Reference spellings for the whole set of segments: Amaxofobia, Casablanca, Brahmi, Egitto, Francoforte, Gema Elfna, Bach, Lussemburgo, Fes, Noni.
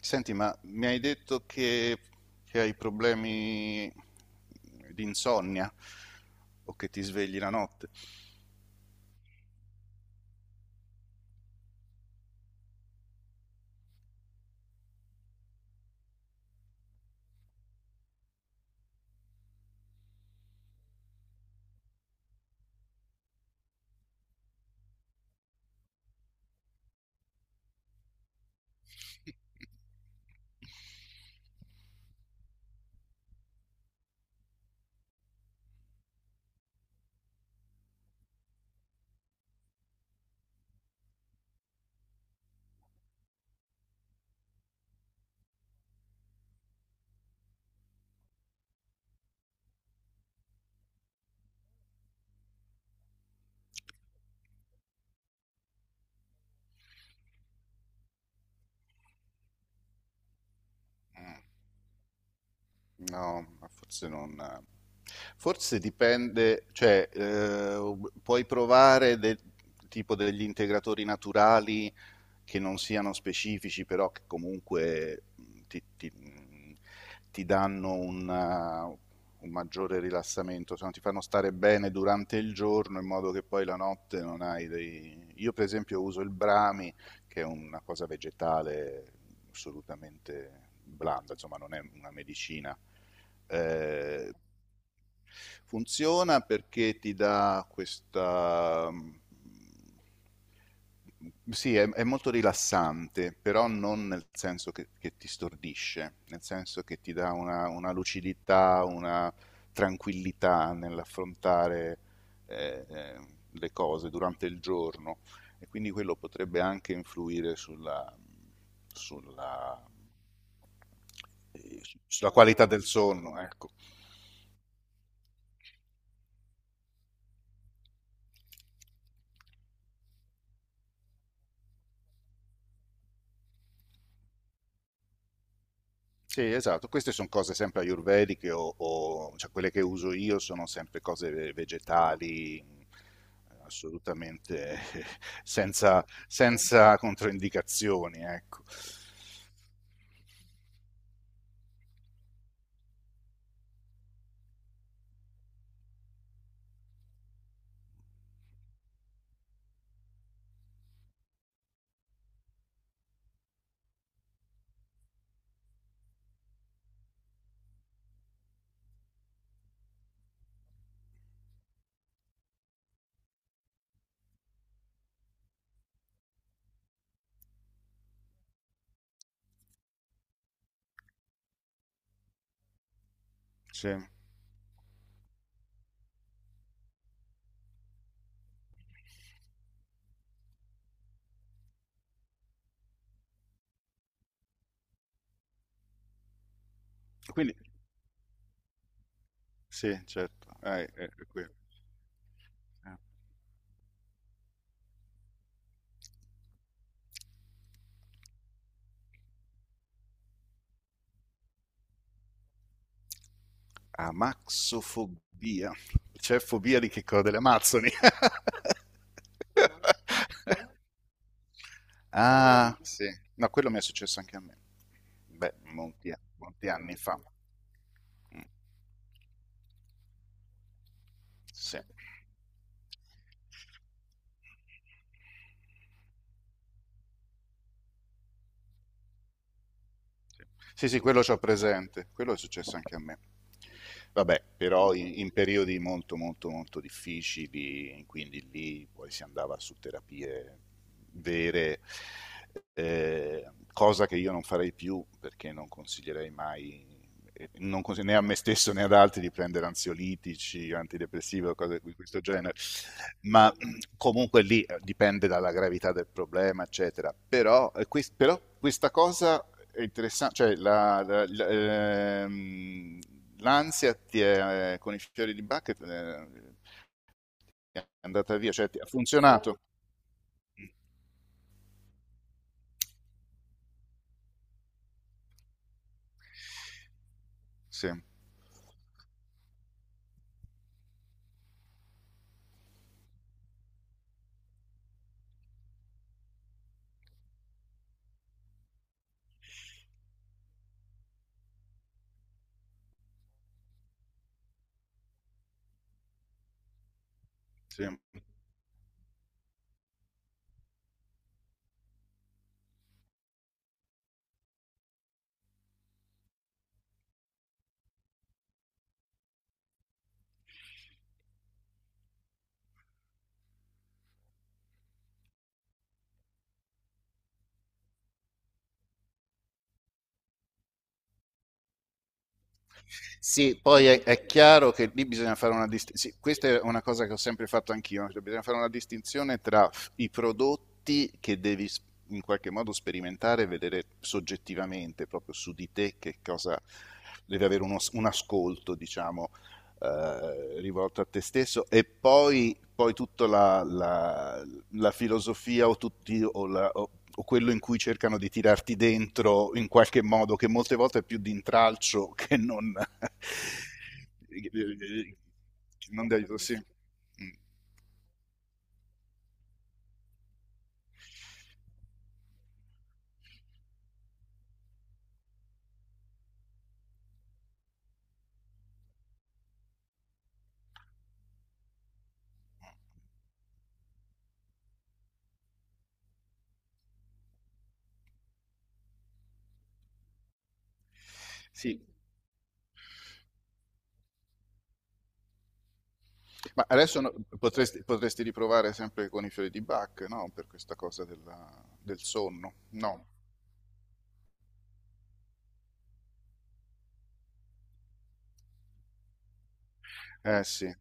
Senti, ma mi hai detto che hai problemi di insonnia o che ti svegli la notte? No, ma forse non. Forse dipende, puoi provare tipo degli integratori naturali che non siano specifici, però che comunque ti ti danno un maggiore rilassamento, se no ti fanno stare bene durante il giorno in modo che poi la notte non hai dei Io per esempio uso il Brahmi che è una cosa vegetale assolutamente blanda, insomma non è una medicina. Eh, Funziona perché ti dà questa, sì, è molto rilassante, però non nel senso che ti stordisce, nel senso che ti dà una lucidità, una tranquillità nell'affrontare eh, eh, le cose durante il giorno e quindi quello potrebbe anche influire sulla, eh, sulla qualità del sonno, ecco. Sì, esatto, queste sono cose sempre ayurvediche o cioè quelle che uso io sono sempre cose vegetali, assolutamente senza, senza controindicazioni, ecco. Sì. Quindi, sì, certo. È quello. Eh. Amaxofobia. C'è fobia di che cosa? Delle Amazzoni. Ah, sì. No, quello mi è successo anche a me. Beh, molti, molti anni fa. Mm, sì. Sì, sì, sì, quello c'ho presente, quello è successo anche a me. Vabbè, però in, in periodi molto, molto, molto difficili, quindi lì poi si andava su terapie vere, cosa che io non farei più perché non consiglierei mai non consiglio né a me stesso né ad altri di prendere ansiolitici, antidepressivi o cose di questo genere, ma comunque lì dipende dalla gravità del problema, eccetera. Però, però questa cosa è interessante, ehm, l'ansia con i fiori di Bach è andata via, ha funzionato. Mm. Sì, sì. Sì, poi è chiaro che lì bisogna fare una distinzione. Questa è una cosa che ho sempre fatto anch'io, cioè bisogna fare una distinzione tra i prodotti che devi in qualche modo sperimentare e vedere soggettivamente, proprio su di te, che cosa deve avere un ascolto, diciamo, rivolto a te stesso e poi tutta la filosofia o o- quello in cui cercano di tirarti dentro in qualche modo, che molte volte è più di intralcio che non, che non di aiuto, sì. Mm. Sì, ma adesso no- potresti, potresti riprovare sempre con i fiori di Bach, no? Per questa cosa del sonno, no? Eh sì,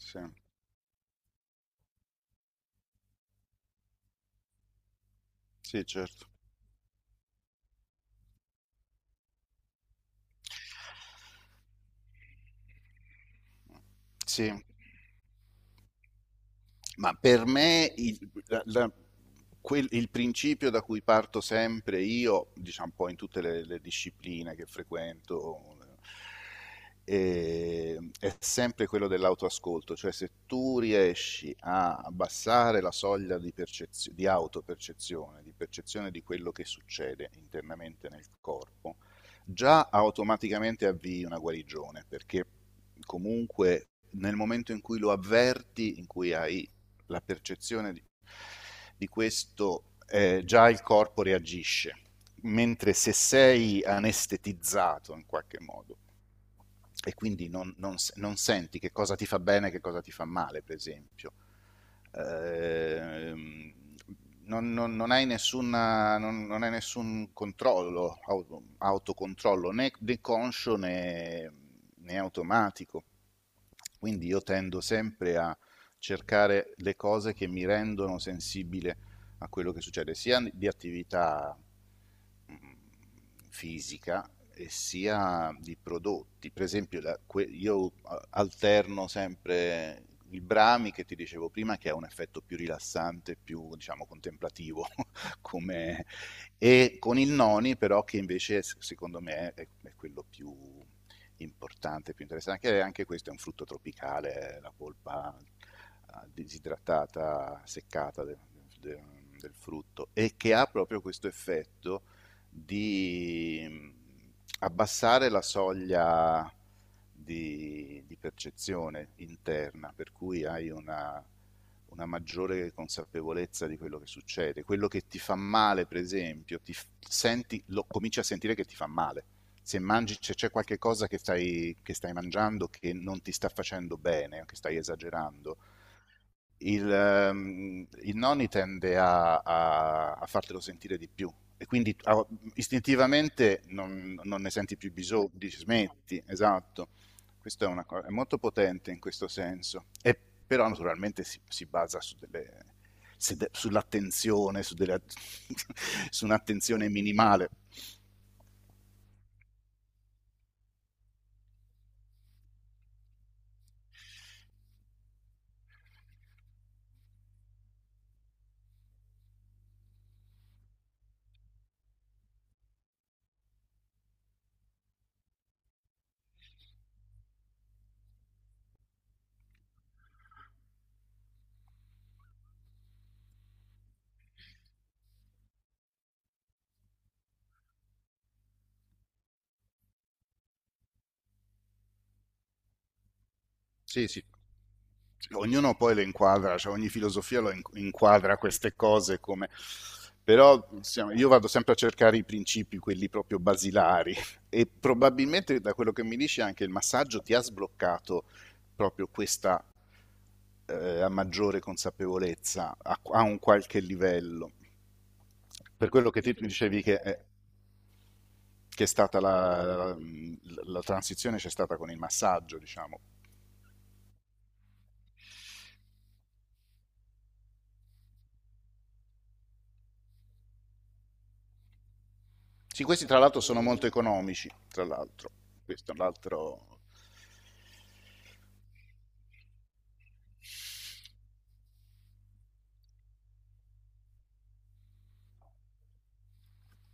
sì, sì, certo. Sì. Ma per me il, la- la- quel- il principio da cui parto sempre io, diciamo un po' in tutte le discipline che frequento, è sempre quello dell'autoascolto, cioè se tu riesci a abbassare la soglia di, di autopercezione, di percezione di quello che succede internamente nel corpo, già automaticamente avvii una guarigione, perché comunque nel momento in cui lo avverti, in cui hai la percezione di questo, già il corpo reagisce, mentre se sei anestetizzato in qualche modo, e quindi non senti che cosa ti fa bene e che cosa ti fa male, per esempio. Eh, non, non, non, hai nessuna, non hai nessun controllo, autocontrollo, né conscio né, automatico. Quindi io tendo sempre a cercare le cose che mi rendono sensibile a quello che succede sia di attività mh, fisica e sia di prodotti. Per esempio, io alterno sempre il Brami che ti dicevo prima, che ha un effetto più rilassante, più diciamo contemplativo come, e con il Noni però che invece secondo me è quello più importante, più interessante, anche, anche questo è un frutto tropicale, la polpa disidratata, seccata del frutto e che ha proprio questo effetto di abbassare la soglia di percezione interna, per cui hai una maggiore consapevolezza di quello che succede. Quello che ti fa male, per esempio, senti, lo cominci a sentire che ti fa male. Se mangi, se c'è qualche cosa che stai mangiando che non ti sta facendo bene, che stai esagerando, il nonni tende a, a fartelo sentire di più e quindi istintivamente non ne senti più bisogno, dici smetti, esatto. Questo è, è molto potente in questo senso, e, però naturalmente si basa su delle- se de- sull'attenzione, su un'attenzione minimale. Sì, sì, ognuno poi le inquadra, cioè ogni filosofia inquadra queste cose come Però insomma, io vado sempre a cercare i principi, quelli proprio basilari, e probabilmente da quello che mi dici anche il massaggio ti ha sbloccato proprio questa maggiore consapevolezza a, a un qualche livello. Per quello che ti tu dicevi che è stata la, la- la transizione c'è stata con il massaggio, diciamo. Sì, questi tra l'altro sono molto economici, tra l'altro. Questo è un altro